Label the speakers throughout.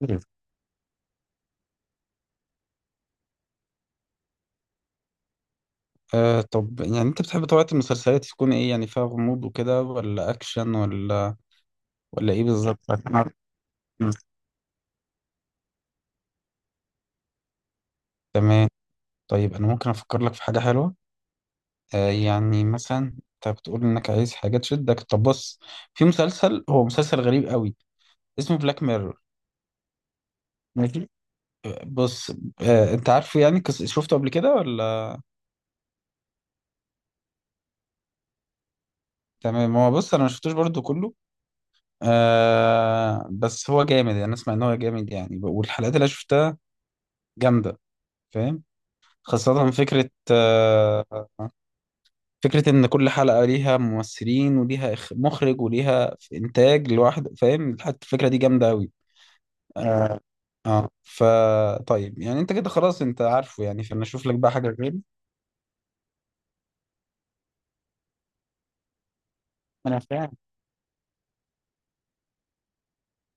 Speaker 1: مم. طب يعني انت بتحب طبيعة المسلسلات تكون ايه يعني فيها غموض وكده ولا اكشن ولا ايه بالظبط؟ عشان أعرف. مم. تمام، طيب انا ممكن افكر لك في حاجة حلوة. يعني مثلا انت بتقول انك عايز حاجة تشدك. طب بص، في مسلسل هو مسلسل غريب قوي اسمه بلاك ميرور. ماشي، بص، انت عارفه يعني شفته قبل كده ولا؟ تمام، هو بص انا ما شفتوش برضو كله. بس هو جامد يعني، اسمع ان هو جامد يعني، والحلقات اللي أنا شفتها جامدة، فاهم؟ خاصة فكرة إن كل حلقة ليها ممثلين وليها مخرج وليها إنتاج لوحده، فاهم؟ حتى الفكرة دي جامدة أوي. آه فا طيب، يعني أنت كده خلاص أنت عارفه يعني، فأنا أشوف لك بقى حاجة غير. أنا فاهم.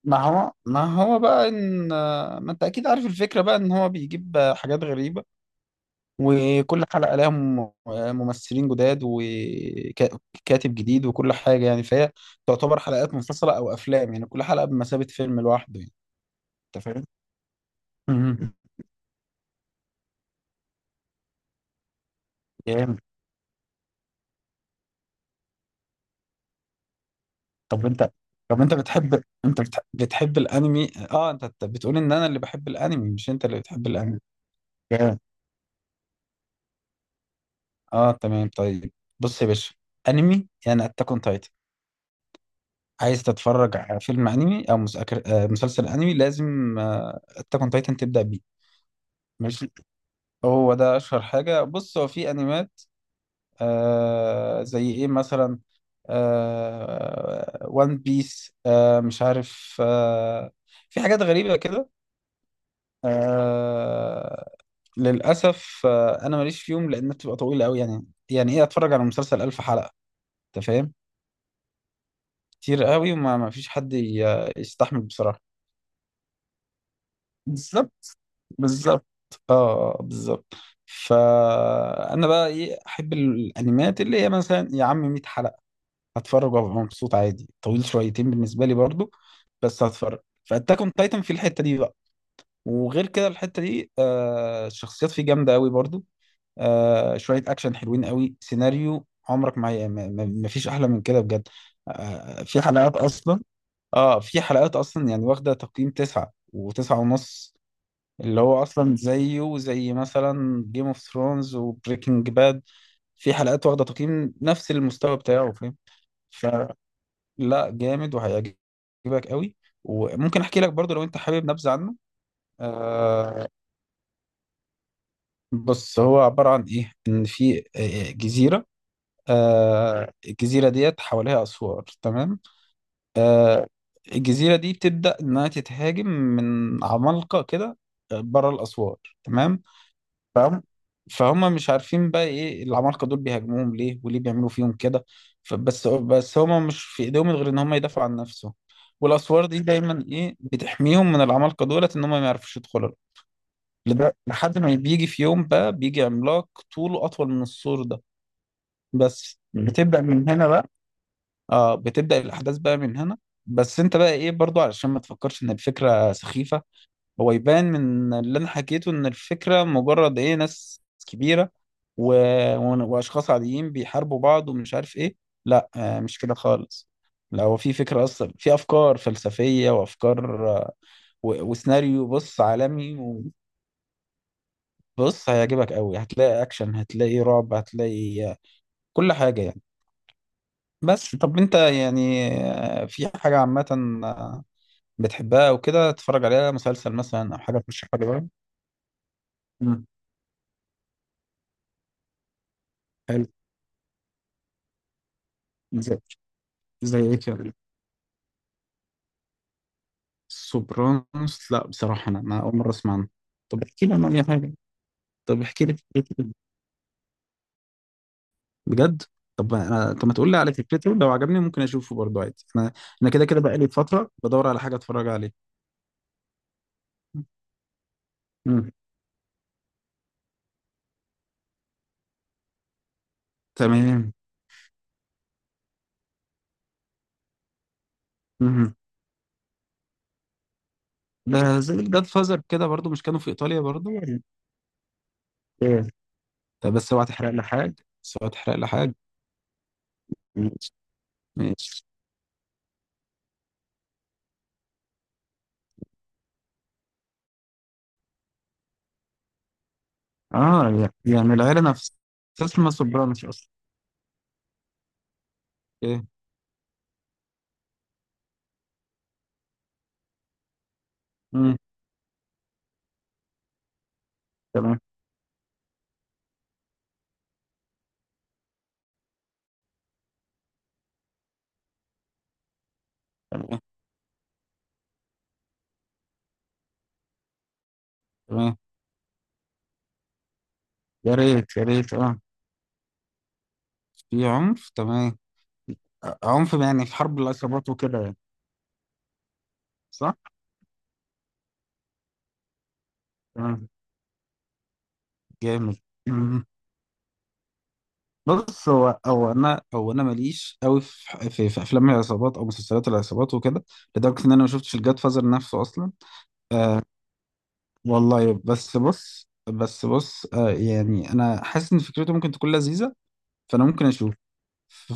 Speaker 1: ما هو بقى إن آه، ما أنت أكيد عارف الفكرة بقى إن هو بيجيب آه، حاجات غريبة، وكل حلقة لها ممثلين جداد وكاتب جديد وكل حاجة يعني، فهي تعتبر حلقات منفصلة أو أفلام. يعني كل حلقة بمثابة فيلم لوحده يعني. أنت فاهم؟ مم. جامد. طب أنت طب أنت بتحب بتحب الأنمي؟ أه أنت، بتقول إن أنا اللي بحب الأنمي مش أنت اللي بتحب الأنمي. جامد. أه تمام، طيب. بص يا باشا، أنمي يعني أتاك أون تايتن. عايز تتفرج على فيلم أنمي أو مسأكر... آه، مسلسل أنمي، لازم أتاك أون تايتن تبدأ بيه. ماليش. هو ده اشهر حاجه. بص هو في انميات، آه زي ايه مثلا، آه وان بيس، آه مش عارف آه، في حاجات غريبه كده. آه، للاسف آه انا ماليش فيهم لان بتبقى طويله قوي. يعني ايه اتفرج على مسلسل الف حلقه؟ انت فاهم. كتير قوي، وما ما فيش حد يستحمل بصراحه. بالظبط. بالظبط. اه آه، بالظبط. فانا بقى ايه احب الانميات اللي هي مثلا يا عم 100 حلقه، هتفرج وابقى مبسوط عادي. طويل شويتين بالنسبه لي برضو، بس هتفرج. فاتاك اون تايتن في الحته دي بقى. وغير كده الحته دي آه، الشخصيات فيه جامده قوي برضو. آه، شويه اكشن حلوين قوي، سيناريو عمرك ما فيش احلى من كده بجد. آه، في حلقات اصلا، اه في حلقات اصلا يعني واخده تقييم تسعة وتسعة ونص، اللي هو اصلا زيه زي مثلا جيم اوف ثرونز وبريكنج باد، في حلقات واخده تقييم نفس المستوى بتاعه، فاهم. لا جامد وهيعجبك قوي. وممكن احكي لك برضو لو انت حابب نبذة عنه. آه بص، هو عبارة عن ايه، ان في آه، آه، جزيرة. آه، الجزيرة ديت حواليها اسوار، تمام؟ آه، الجزيرة دي بتبدأ انها تتهاجم من عمالقة كده بره الاسوار، تمام، فاهم؟ فهم مش عارفين بقى ايه العمالقه دول، بيهاجموهم ليه وليه بيعملوا فيهم كده. فبس هم مش في ايديهم غير ان هم يدافعوا عن نفسهم، والاسوار دي دايما ايه، بتحميهم من العمالقه دولت ان هم ما يعرفوش يدخلوا. لحد ما بيجي في يوم بقى، بيجي عملاق طوله اطول من السور ده. بس بتبدا من هنا بقى. اه، بتبدا الاحداث بقى من هنا. بس انت بقى ايه برضو، علشان ما تفكرش ان الفكره سخيفه، هو يبان من اللي انا حكيته ان الفكره مجرد ايه، ناس كبيره و... واشخاص عاديين بيحاربوا بعض ومش عارف ايه. لا آه، مش كده خالص. لو في فكره اصلا، في افكار فلسفيه وافكار آه، و... وسيناريو بص عالمي. وبص هيعجبك قوي، هتلاقي اكشن، هتلاقي رعب، هتلاقي آه، كل حاجه يعني. بس طب انت يعني، آه، في حاجه عامه آه، بتحبها وكده تتفرج عليها، مسلسل مثلا او حاجه ترشحها لي بقى؟ مم. حلو. زي ايه كده؟ سوبرانوس؟ لا بصراحة انا ما، اول مرة اسمع عنه. طب احكي لي عنه اي حاجة. طب احكي لي فكرته بجد. طب ما تقول لي على فكرته، لو عجبني ممكن اشوفه برضه، عادي انا. انا كده كده بقالي فترة بدور على حاجة اتفرج عليها. مم. تمام. مم. ده زي الجاد فازر كده برضه، مش كانوا في ايطاليا برضه ولا ايه؟ طب بس اوعى تحرق لي حاجة بس اوعى تحرق لي حاجة. ماشي. ماشي. اه يعني العيلة نفسها اسمها سوبرانوس اصلا؟ ايه. مم. تمام. تمام. تمام. يا ريت. يا ريت، اه. في عنف، تمام. آه، عنف يعني في حرب العصابات وكده يعني، صح؟ تمام. جامد. مم. بص، هو هو انا هو انا ماليش قوي في افلام العصابات او مسلسلات العصابات وكده، لدرجه ان انا ما شفتش الجاد فازر نفسه اصلا. آه والله، بس بص بس بص آه يعني، انا حاسس ان فكرته ممكن تكون لذيذه، فانا ممكن اشوف.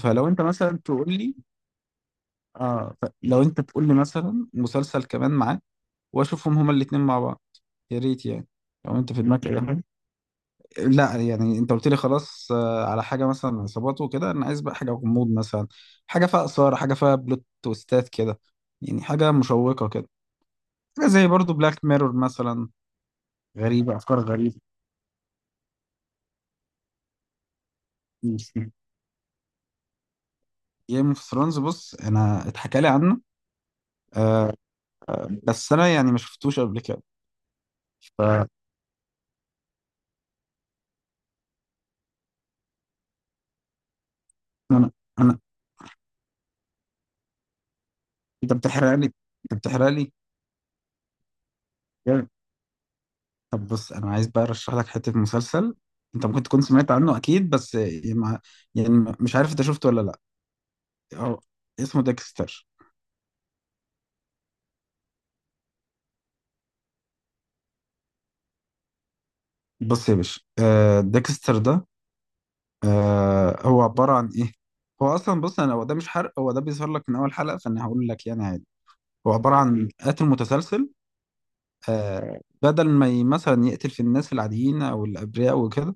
Speaker 1: فلو انت مثلا تقول لي، اه لو انت تقول لي مثلا مسلسل كمان معاه واشوفهم هما الاثنين مع بعض، يا ريت يعني. لو انت في دماغك اي حاجه. مم. لا يعني انت قلت لي خلاص آه، على حاجه مثلا عصابات وكده، انا عايز بقى حاجه غموض مثلا، حاجه فيها اثاره، حاجه فيها بلوت تويستات كده، يعني حاجه مشوقه كده، حاجه زي برضو بلاك ميرور مثلا، غريبه، افكار غريبه. جيم اوف ثرونز؟ بص انا اتحكى لي عنه، آه، بس انا يعني ما شفتوش قبل كده. ف انا انا انت بتحرق لي، انت بتحرق لي طب بص، انا عايز بقى ارشح لك حته مسلسل، انت ممكن تكون سمعت عنه اكيد بس يعني يعني مش عارف انت شفته ولا لا. هو اسمه ديكستر. بص يا باشا آه، ديكستر ده آه، هو عباره عن ايه؟ هو اصلا بص انا هو ده مش حرق، هو ده بيظهر لك من اول حلقه، فانا هقول لك يعني عادي. هو عباره عن قاتل متسلسل، آه بدل ما مثلا يقتل في الناس العاديين او الابرياء وكده،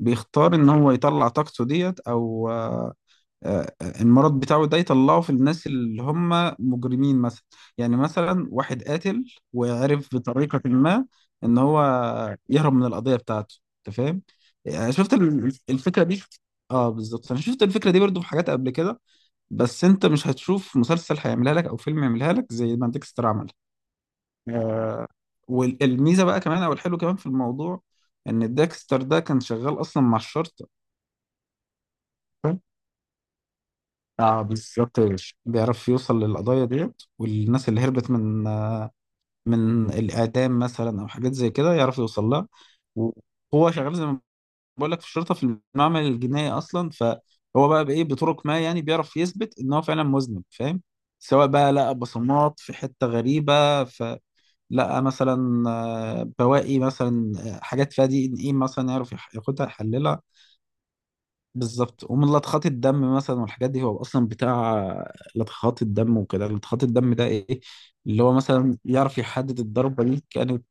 Speaker 1: بيختار ان هو يطلع طاقته ديت او آه، المرض بتاعه ده يطلعه في الناس اللي هم مجرمين مثلا. يعني مثلا واحد قاتل وعرف بطريقة ما ان هو يهرب من القضية بتاعته، انت فاهم؟ يعني شفت الفكرة دي. اه بالظبط، انا شفت الفكرة دي برضو في حاجات قبل كده، بس انت مش هتشوف مسلسل هيعملها لك او فيلم يعملها لك زي ما ديكستر عمل. آه. والميزة بقى كمان، او الحلو كمان في الموضوع، ان ديكستر ده كان شغال اصلا مع الشرطة. اه بالظبط يا باشا، بيعرف يوصل للقضايا ديت والناس اللي هربت من آه، من الاعدام مثلا او حاجات زي كده، يعرف يوصل لها. وهو شغال زي ما بقول لك في الشرطه، في المعمل الجنائي اصلا، فهو بقى بايه، بطرق ما يعني، بيعرف يثبت ان هو فعلا مذنب، فاهم؟ سواء بقى لقى بصمات في حته غريبه، فلقى مثلا آه، بواقي مثلا آه، حاجات فيها دي ان ايه، مثلا يعرف ياخدها يحللها. بالظبط. ومن لطخات الدم مثلا والحاجات دي، هو اصلا بتاع لطخات الدم وكده. لطخات الدم ده ايه، اللي هو مثلا يعرف يحدد الضربه دي كانت.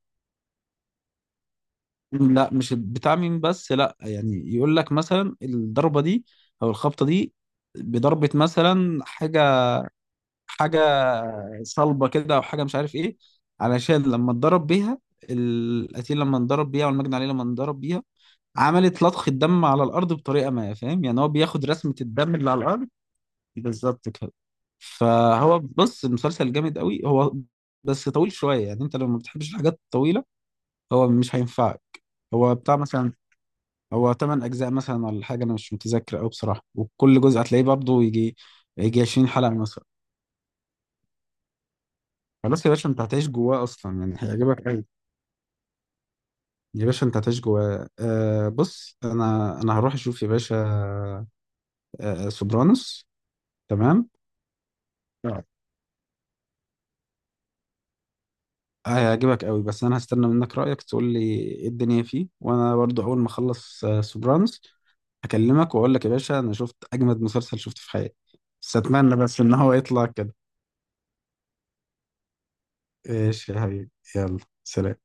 Speaker 1: لا مش بتاع مين بس، لا يعني يقول لك مثلا الضربه دي او الخبطه دي بضربه مثلا حاجه صلبه كده او حاجه مش عارف ايه، علشان لما اتضرب بيها القتيل، لما انضرب بيها والمجني عليه لما انضرب بيها، عملت لطخ الدم على الارض بطريقه ما، فاهم؟ يعني هو بياخد رسمه الدم اللي على الارض. بالظبط كده. فهو بص، المسلسل جامد قوي، هو بس طويل شوية، يعني انت لو ما بتحبش الحاجات الطويلة هو مش هينفعك. هو بتاع مثلا، هو تمن أجزاء مثلا ولا حاجة أنا مش متذكر أوي بصراحة، وكل جزء هتلاقيه برضه يجي 20 حلقة مثلا. خلاص يا باشا أنت هتعيش جواه أصلا يعني، هيعجبك أوي. يا باشا أنت هتعيش جواه. آه بص أنا، هروح أشوف يا باشا آه سوبرانوس. تمام، هيعجبك قوي. بس انا هستنى منك رأيك، تقول لي ايه الدنيا فيه، وانا برضو اول ما اخلص آه، سوبرانز، هكلمك واقول لك يا باشا انا شفت اجمد مسلسل شفته في حياتي. بس اتمنى بس ان هو يطلع كده. ايش يا حبيبي. يلا، سلام.